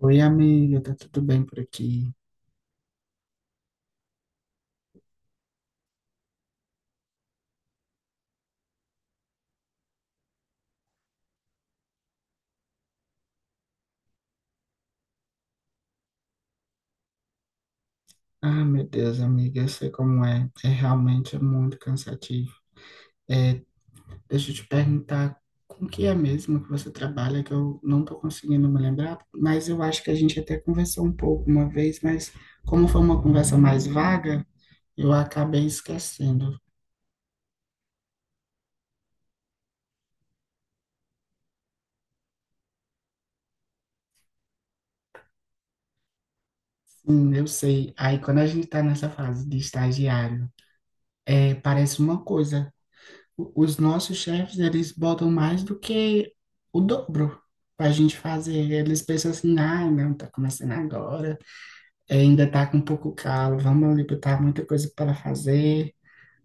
Oi, amiga, tá tudo bem por aqui? Ah, meu Deus, amiga, eu sei como é. É realmente muito cansativo. É, deixa eu te perguntar, com que é mesmo que você trabalha, que eu não tô conseguindo me lembrar, mas eu acho que a gente até conversou um pouco uma vez, mas como foi uma conversa mais vaga, eu acabei esquecendo. Sim, eu sei. Aí quando a gente tá nessa fase de estagiário, parece uma coisa. Os nossos chefes, eles botam mais do que o dobro para a gente fazer. Eles pensam assim: ah, não, tá começando agora, ainda tá com um pouco calo, vamos ali botar muita coisa para fazer.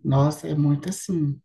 Nossa, é muito assim.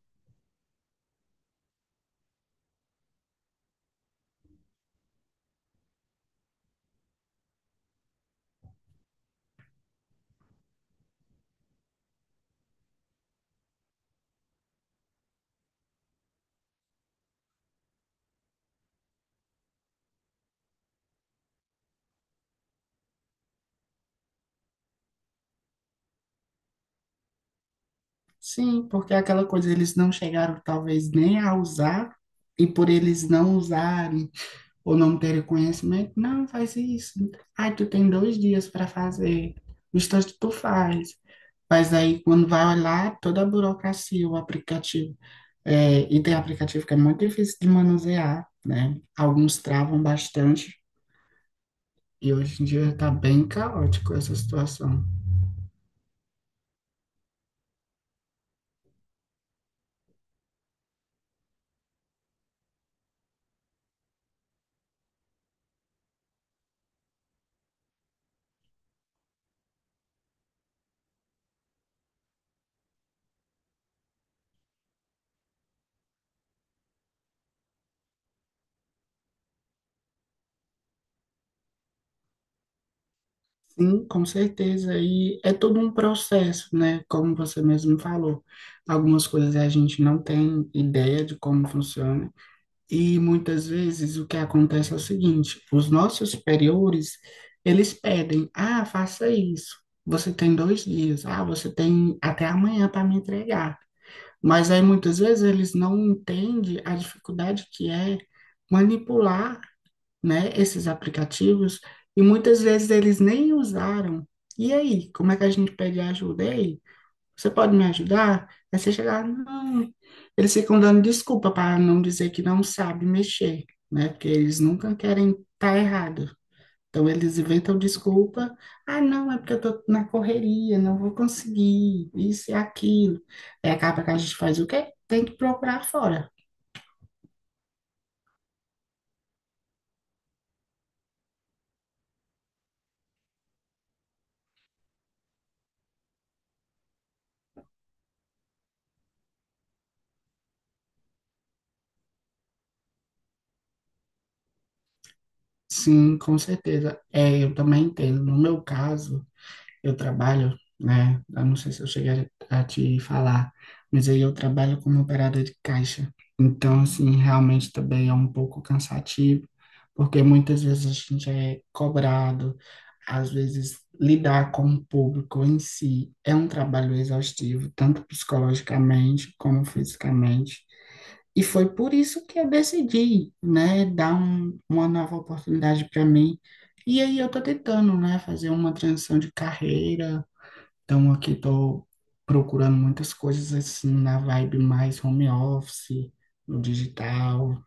Sim, porque aquela coisa eles não chegaram talvez nem a usar, e por eles não usarem ou não terem conhecimento, não, faz isso. Ai, tu tem dois dias para fazer. O instante tu faz. Mas aí, quando vai olhar, toda a burocracia, o aplicativo. É, e tem aplicativo que é muito difícil de manusear, né? Alguns travam bastante, e hoje em dia está bem caótico essa situação. Sim, com certeza. E é todo um processo, né? Como você mesmo falou. Algumas coisas a gente não tem ideia de como funciona. E muitas vezes o que acontece é o seguinte, os nossos superiores, eles pedem, ah, faça isso. Você tem dois dias, ah, você tem até amanhã para me entregar. Mas aí muitas vezes eles não entendem a dificuldade que é manipular, né, esses aplicativos e muitas vezes eles nem usaram. E aí, como é que a gente pede ajuda? E aí, você pode me ajudar? Aí você chegar, não. Eles ficam dando desculpa para não dizer que não sabe mexer, né? Porque eles nunca querem estar tá errado. Então eles inventam desculpa. Ah, não, é porque eu tô na correria, não vou conseguir, isso e aquilo. Aí acaba que a gente faz o quê? Tem que procurar fora. Sim, com certeza. É, eu também entendo. No meu caso, eu trabalho, né? Eu não sei se eu cheguei a te falar, mas aí eu trabalho como operador de caixa. Então, assim, realmente também é um pouco cansativo, porque muitas vezes a gente é cobrado, às vezes lidar com o público em si é um trabalho exaustivo, tanto psicologicamente como fisicamente. E foi por isso que eu decidi, né, dar uma nova oportunidade para mim. E aí eu tô tentando, né, fazer uma transição de carreira, então, aqui estou procurando muitas coisas assim na vibe mais home office, no digital.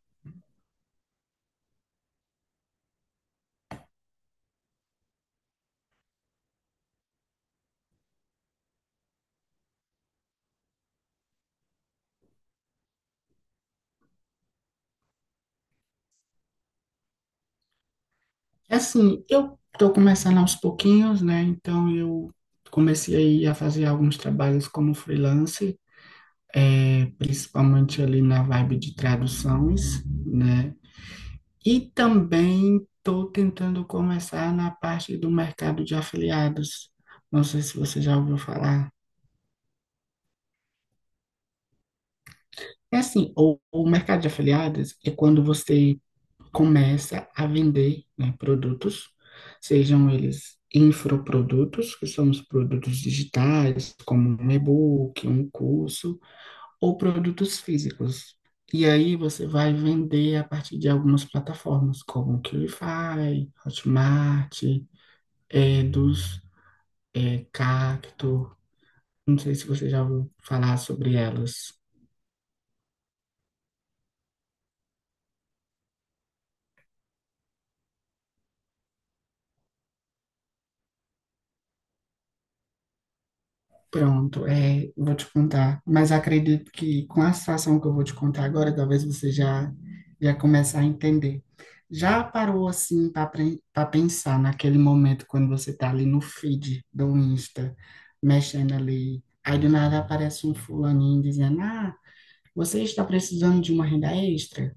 Assim, eu estou começando aos pouquinhos, né? Então, eu comecei aí a fazer alguns trabalhos como freelance, principalmente ali na vibe de traduções, né? E também estou tentando começar na parte do mercado de afiliados. Não sei se você já ouviu falar. É assim, o mercado de afiliados é quando você começa a vender, né, produtos, sejam eles infoprodutos, que são os produtos digitais, como um e-book, um curso, ou produtos físicos. E aí você vai vender a partir de algumas plataformas, como o Qlify, Hotmart, Eduz, Cacto. Não sei se você já ouviu falar sobre elas. Pronto, é, vou te contar. Mas acredito que com a situação que eu vou te contar agora, talvez você já comece a entender. Já parou assim para pensar naquele momento quando você está ali no feed do Insta, mexendo ali, aí do nada aparece um fulaninho dizendo: "Ah, você está precisando de uma renda extra?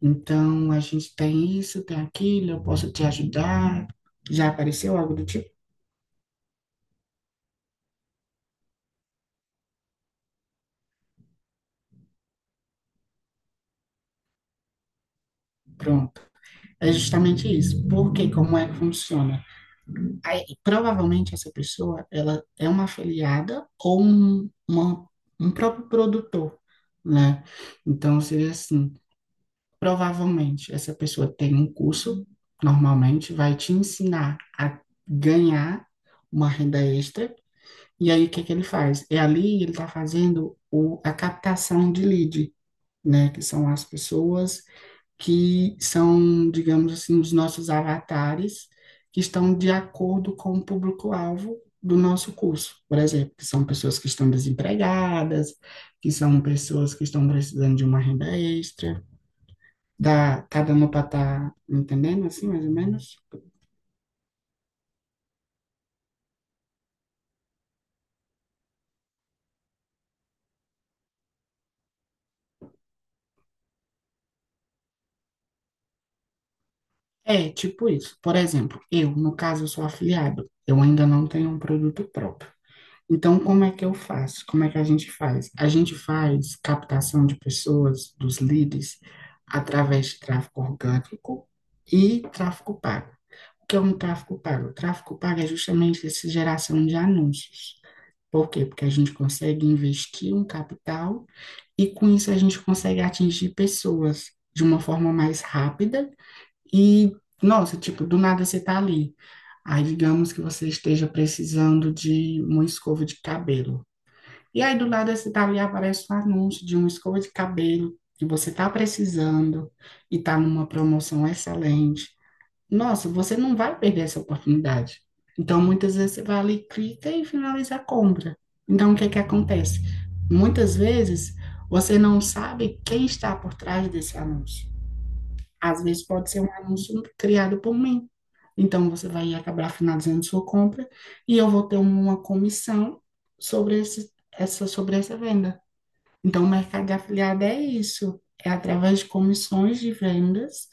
Então a gente tem isso, tem aquilo, eu posso te ajudar." Já apareceu algo do tipo? Pronto. É justamente isso. Porque como é que funciona? Aí, provavelmente essa pessoa ela é uma afiliada ou um próprio produtor, né? Então seria assim, provavelmente essa pessoa tem um curso, normalmente vai te ensinar a ganhar uma renda extra. E aí o que que ele faz? É ali ele está fazendo a captação de lead, né? Que são as pessoas que são, digamos assim, os nossos avatares, que estão de acordo com o público-alvo do nosso curso, por exemplo, que são pessoas que estão desempregadas, que são pessoas que estão precisando de uma renda extra. Dá, tá dando para estar tá entendendo assim, mais ou menos? É, tipo isso. Por exemplo, eu, no caso, eu sou afiliado. Eu ainda não tenho um produto próprio. Então, como é que eu faço? Como é que a gente faz? A gente faz captação de pessoas, dos leads, através de tráfego orgânico e tráfego pago. O que é um tráfego pago? O tráfego pago é justamente essa geração de anúncios. Por quê? Porque a gente consegue investir um capital e com isso a gente consegue atingir pessoas de uma forma mais rápida e, nossa, tipo, do nada você tá ali. Aí, digamos que você esteja precisando de uma escova de cabelo. E aí do lado desse dali aparece um anúncio de uma escova de cabelo que você está precisando e está numa promoção excelente. Nossa, você não vai perder essa oportunidade. Então, muitas vezes você vai ali, clica e finaliza a compra. Então, o que é que acontece? Muitas vezes você não sabe quem está por trás desse anúncio. Às vezes pode ser um anúncio criado por mim. Então você vai acabar finalizando sua compra e eu vou ter uma comissão sobre sobre essa venda. Então o mercado de afiliado é isso. É através de comissões de vendas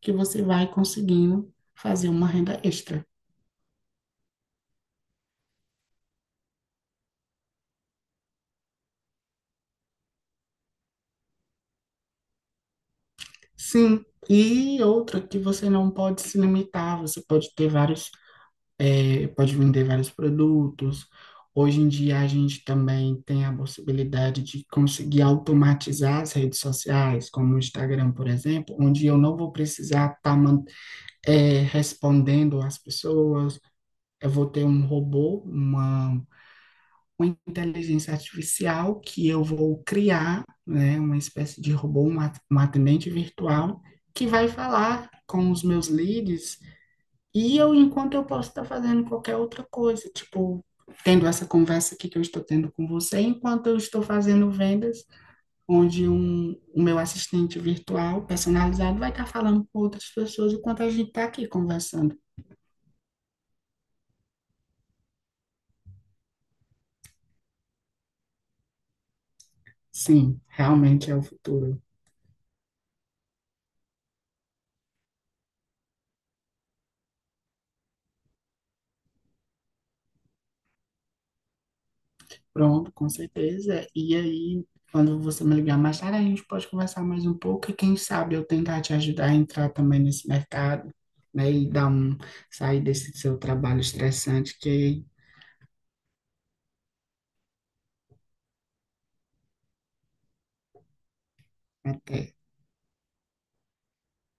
que você vai conseguindo fazer uma renda extra. Sim, e outra que você não pode se limitar, você pode ter vários pode vender vários produtos. Hoje em dia a gente também tem a possibilidade de conseguir automatizar as redes sociais, como o Instagram, por exemplo, onde eu não vou precisar estar respondendo às pessoas, eu vou ter um robô, uma inteligência artificial que eu vou criar, né, uma espécie de robô, um um atendente virtual, que vai falar com os meus leads e eu, enquanto eu posso estar fazendo qualquer outra coisa, tipo, tendo essa conversa aqui que eu estou tendo com você, enquanto eu estou fazendo vendas, onde o meu assistente virtual personalizado vai estar falando com outras pessoas enquanto a gente está aqui conversando. Sim, realmente é o futuro. Pronto, com certeza. E aí, quando você me ligar mais tarde, a gente pode conversar mais um pouco e quem sabe eu tentar te ajudar a entrar também nesse mercado, né, e dar um, sair desse seu trabalho estressante que Até.